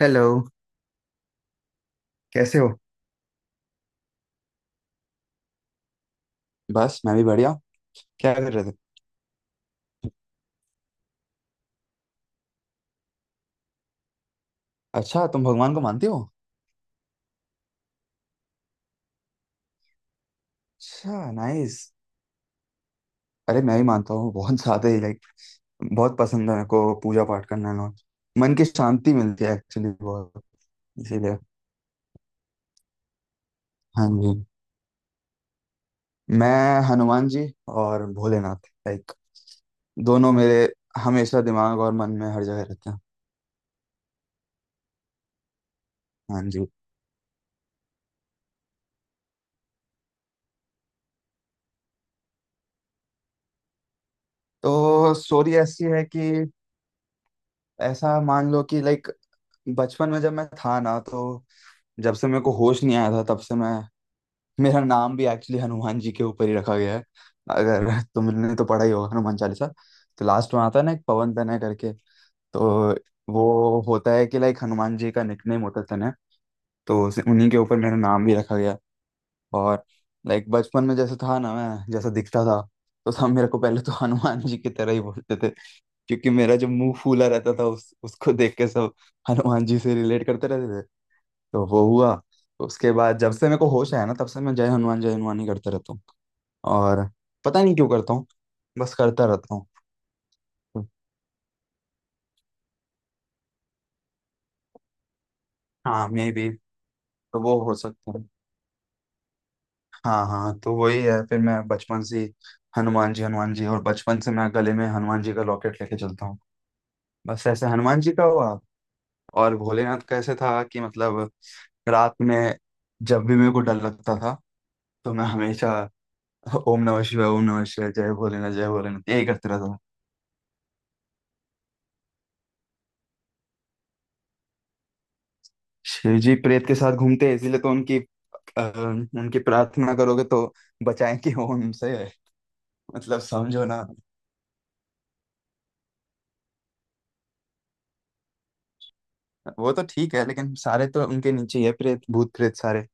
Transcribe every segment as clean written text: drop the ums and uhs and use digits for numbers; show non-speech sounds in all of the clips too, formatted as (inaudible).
Hello. कैसे हो? बस मैं भी बढ़िया। क्या कर रहे थे? अच्छा, तुम भगवान को मानती हो? अच्छा, नाइस। अरे मैं भी मानता हूँ बहुत ज्यादा ही। लाइक बहुत पसंद है मेरे को पूजा पाठ करना ना। मन की शांति मिलती है एक्चुअली बहुत। इसीलिए। हाँ जी। मैं हनुमान जी और भोलेनाथ, लाइक दोनों मेरे हमेशा दिमाग और मन में हर जगह रहते हैं। हाँ जी। तो स्टोरी ऐसी है कि ऐसा मान लो कि लाइक बचपन में जब मैं था ना, तो जब से मेरे को होश नहीं आया था तब से मैं, मेरा नाम भी एक्चुअली हनुमान जी के ऊपर ही रखा गया है। अगर (laughs) तुमने तो पढ़ा ही होगा हनुमान चालीसा, तो लास्ट में आता है ना एक पवन तनय करके। तो वो होता है कि लाइक हनुमान जी का निकनेम होता है तनय। तो उन्हीं के ऊपर मेरा नाम भी रखा गया। और लाइक बचपन में जैसे था ना, मैं जैसा दिखता था तो सब मेरे को पहले तो हनुमान जी की तरह ही बोलते थे, क्योंकि मेरा जो मुंह फूला रहता था उस उसको देख के सब हनुमान जी से रिलेट करते रहते थे। तो वो हुआ। उसके बाद जब से मेरे को होश आया ना, तब से मैं जय हनुमान ही करते रहता हूँ। और पता नहीं क्यों करता हूँ, बस करता रहता हूँ। हाँ मे बी, तो वो हो सकता है। हाँ हाँ, तो वही है। फिर मैं बचपन से ही हनुमान जी हनुमान जी, और बचपन से मैं गले में हनुमान जी का लॉकेट लेके चलता हूँ। बस ऐसे हनुमान जी का हुआ। और भोलेनाथ का ऐसे था कि मतलब रात में जब भी मेरे को डर लगता था तो मैं हमेशा ओम नमः शिवाय जय भोलेनाथ यही करते रहता था। शिव जी प्रेत के साथ घूमते हैं, इसीलिए तो उनकी, अ, उनकी प्रार्थना करोगे तो बचाएंगे वो उनसे। मतलब समझो ना। वो तो ठीक है, लेकिन सारे तो उनके नीचे ही है, प्रेत भूत प्रेत सारे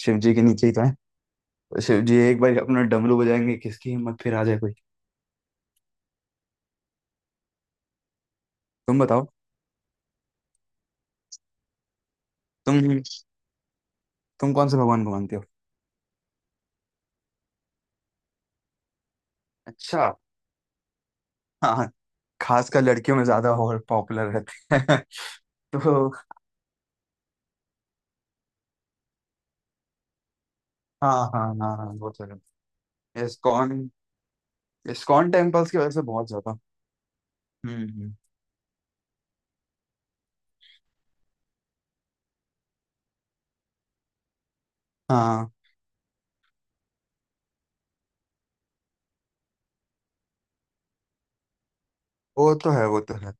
शिव जी के नीचे ही तो है। शिव जी एक बार अपना डमरू बजाएंगे, किसकी हिम्मत फिर आ जाए कोई। तुम बताओ, तुम तुम कौन से भगवान को मानते हो? अच्छा। हाँ, खासकर लड़कियों में ज्यादा और पॉपुलर रहते हैं। (laughs) तो हाँ हाँ हाँ हाँ, वो तो है। इस्कॉन, इस्कॉन टेम्पल्स की वजह से बहुत ज्यादा। हम्म हम्म। हाँ वो तो है, वो तो है।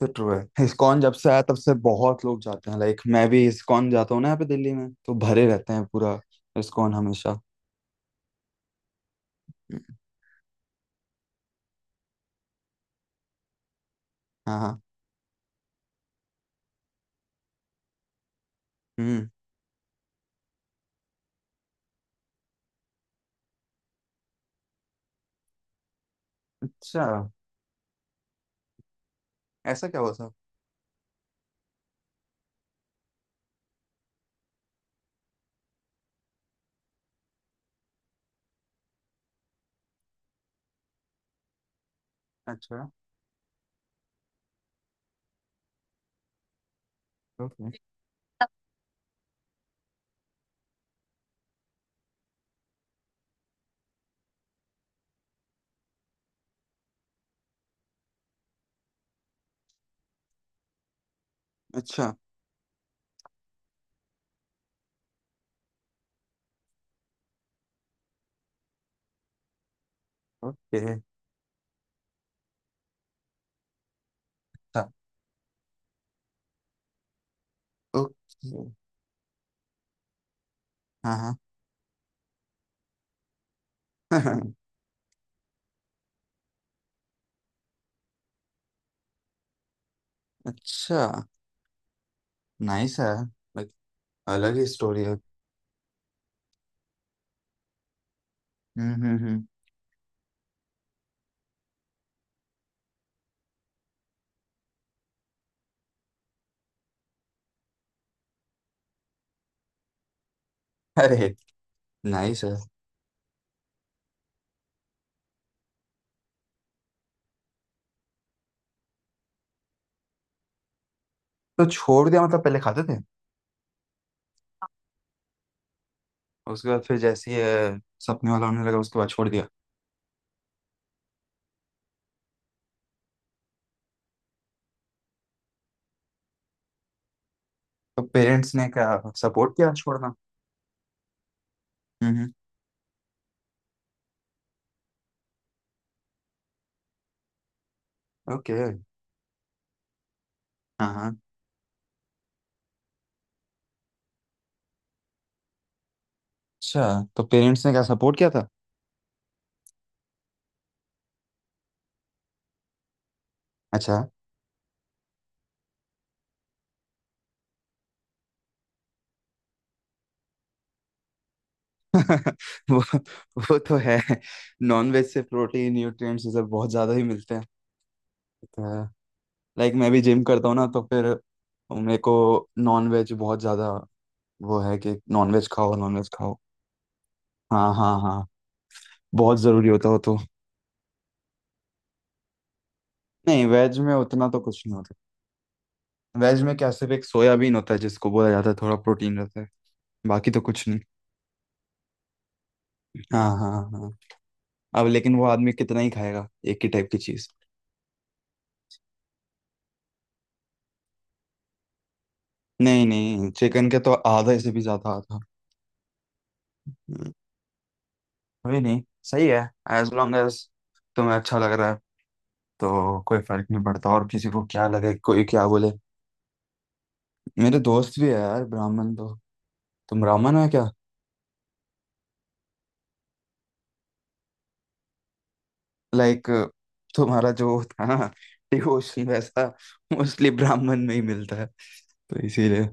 तो ट्रू है, इस्कॉन जब से आया तब से बहुत लोग जाते हैं। लाइक मैं भी इस्कॉन जाता हूँ ना, यहाँ पे दिल्ली में तो भरे रहते हैं पूरा इस्कॉन हमेशा। हाँ हाँ। हम्म। अच्छा, ऐसा क्या हुआ था? अच्छा। ओके। अच्छा। ओके। अच्छा। ओके। हाँ हाँ। (laughs) अच्छा, नाइस है। लाइक अलग ही स्टोरी है। हम्म। अरे, नाइस है। तो छोड़ दिया मतलब, पहले खाते थे? उसके बाद फिर जैसे ही सपने वाला होने लगा उसके बाद छोड़ दिया? तो पेरेंट्स ने क्या सपोर्ट किया छोड़ना? हम्म। ओके। हाँ हाँ। अच्छा, तो पेरेंट्स ने क्या सपोर्ट किया था? अच्छा। (laughs) वो वो तो है। नॉनवेज से प्रोटीन न्यूट्रिएंट्स ये सब बहुत ज़्यादा ही मिलते हैं तो। लाइक मैं भी जिम करता हूँ ना, तो फिर मेरे को नॉनवेज बहुत ज़्यादा। वो है कि नॉनवेज खाओ नॉनवेज खाओ। हाँ हाँ हाँ, बहुत ज़रूरी होता हो तो। नहीं, वेज में उतना तो कुछ नहीं होता। वेज में क्या, सिर्फ एक सोयाबीन होता है जिसको बोला जाता है थोड़ा प्रोटीन रहता है, बाकी तो कुछ नहीं। हाँ हाँ हाँ। अब लेकिन वो आदमी कितना ही खाएगा एक ही टाइप की चीज। नहीं नहीं, चिकन के तो आधा से भी ज्यादा आता। हम्म, कोई नहीं। सही है। एज लॉन्ग एज तुम्हें अच्छा लग रहा है, तो कोई फर्क नहीं पड़ता और किसी को क्या लगे, कोई क्या बोले। मेरे दोस्त भी है यार ब्राह्मण, तो तुम ब्राह्मण हो क्या? लाइक तुम्हारा जो था ना डिवोशन वैसा मोस्टली ब्राह्मण में ही मिलता है, तो इसीलिए।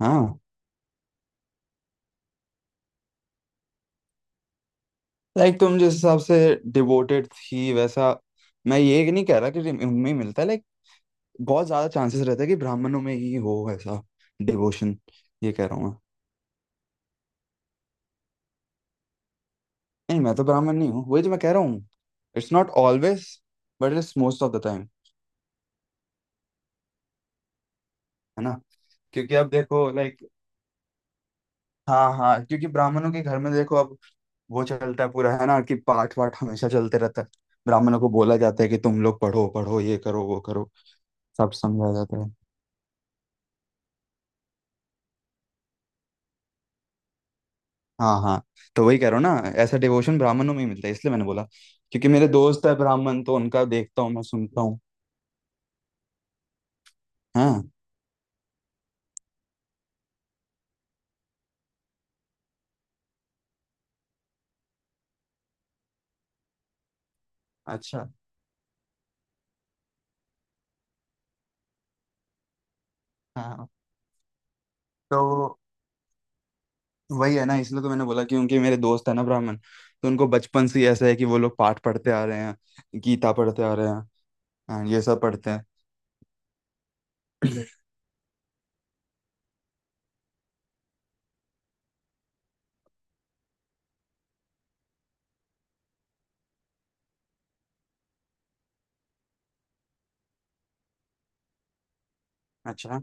हाँ, लाइक तुम जिस हिसाब से डिवोटेड थी वैसा, मैं ये नहीं कह रहा कि उनमें ही मिलता है। बहुत ज्यादा चांसेस रहता है कि ब्राह्मणों में ही हो ऐसा डिवोशन, ये कह रहा हूँ मैं। नहीं, मैं तो ब्राह्मण नहीं हूँ, वही तो मैं कह रहा हूँ। It's not always, but it's most of the time. है ना? क्योंकि अब देखो लाइक, हाँ हाँ, क्योंकि ब्राह्मणों के घर में देखो अब, वो चलता है पूरा है ना कि पाठ वाठ हमेशा चलते रहता है। ब्राह्मणों को बोला जाता है कि तुम लोग पढ़ो पढ़ो, ये करो वो करो, सब समझाया जाता है। हाँ हाँ, तो वही कह रहा हूँ ना, ऐसा डिवोशन ब्राह्मणों में ही मिलता है, इसलिए मैंने बोला। क्योंकि मेरे दोस्त है ब्राह्मण, तो उनका देखता हूँ मैं, सुनता हूँ। हाँ। अच्छा। हाँ, तो वही है ना, इसलिए तो मैंने बोला कि उनके, मेरे दोस्त है ना ब्राह्मण, तो उनको बचपन से ही ऐसा है कि वो लोग पाठ पढ़ते आ रहे हैं, गीता पढ़ते आ रहे हैं। हाँ, ये सब पढ़ते हैं। (coughs) (clears throat) अच्छा।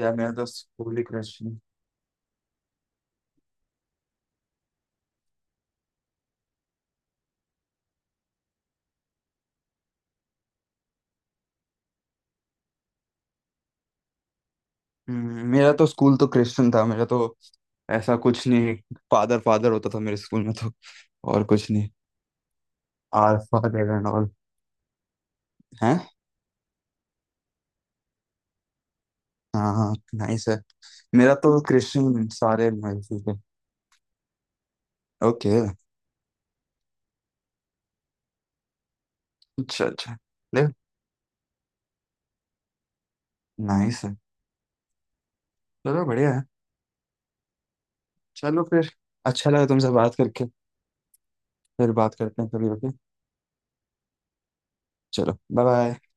यार मेरा तो स्कूल ही क्रिश्चियन। मेरा तो स्कूल तो क्रिश्चियन था मेरा तो, ऐसा कुछ नहीं, फादर फादर होता था मेरे स्कूल में, तो और कुछ नहीं। आर फादर एंड ऑल हैं। हाँ हाँ, नाइस है। मेरा तो क्रिश्चियन सारे। ओके। अच्छा अच्छा। देख, नाइस है, चलो बढ़िया है। चलो फिर, अच्छा लगा तुमसे बात करके। फिर बात करते हैं कभी, ओके? चलो, बाय बाय।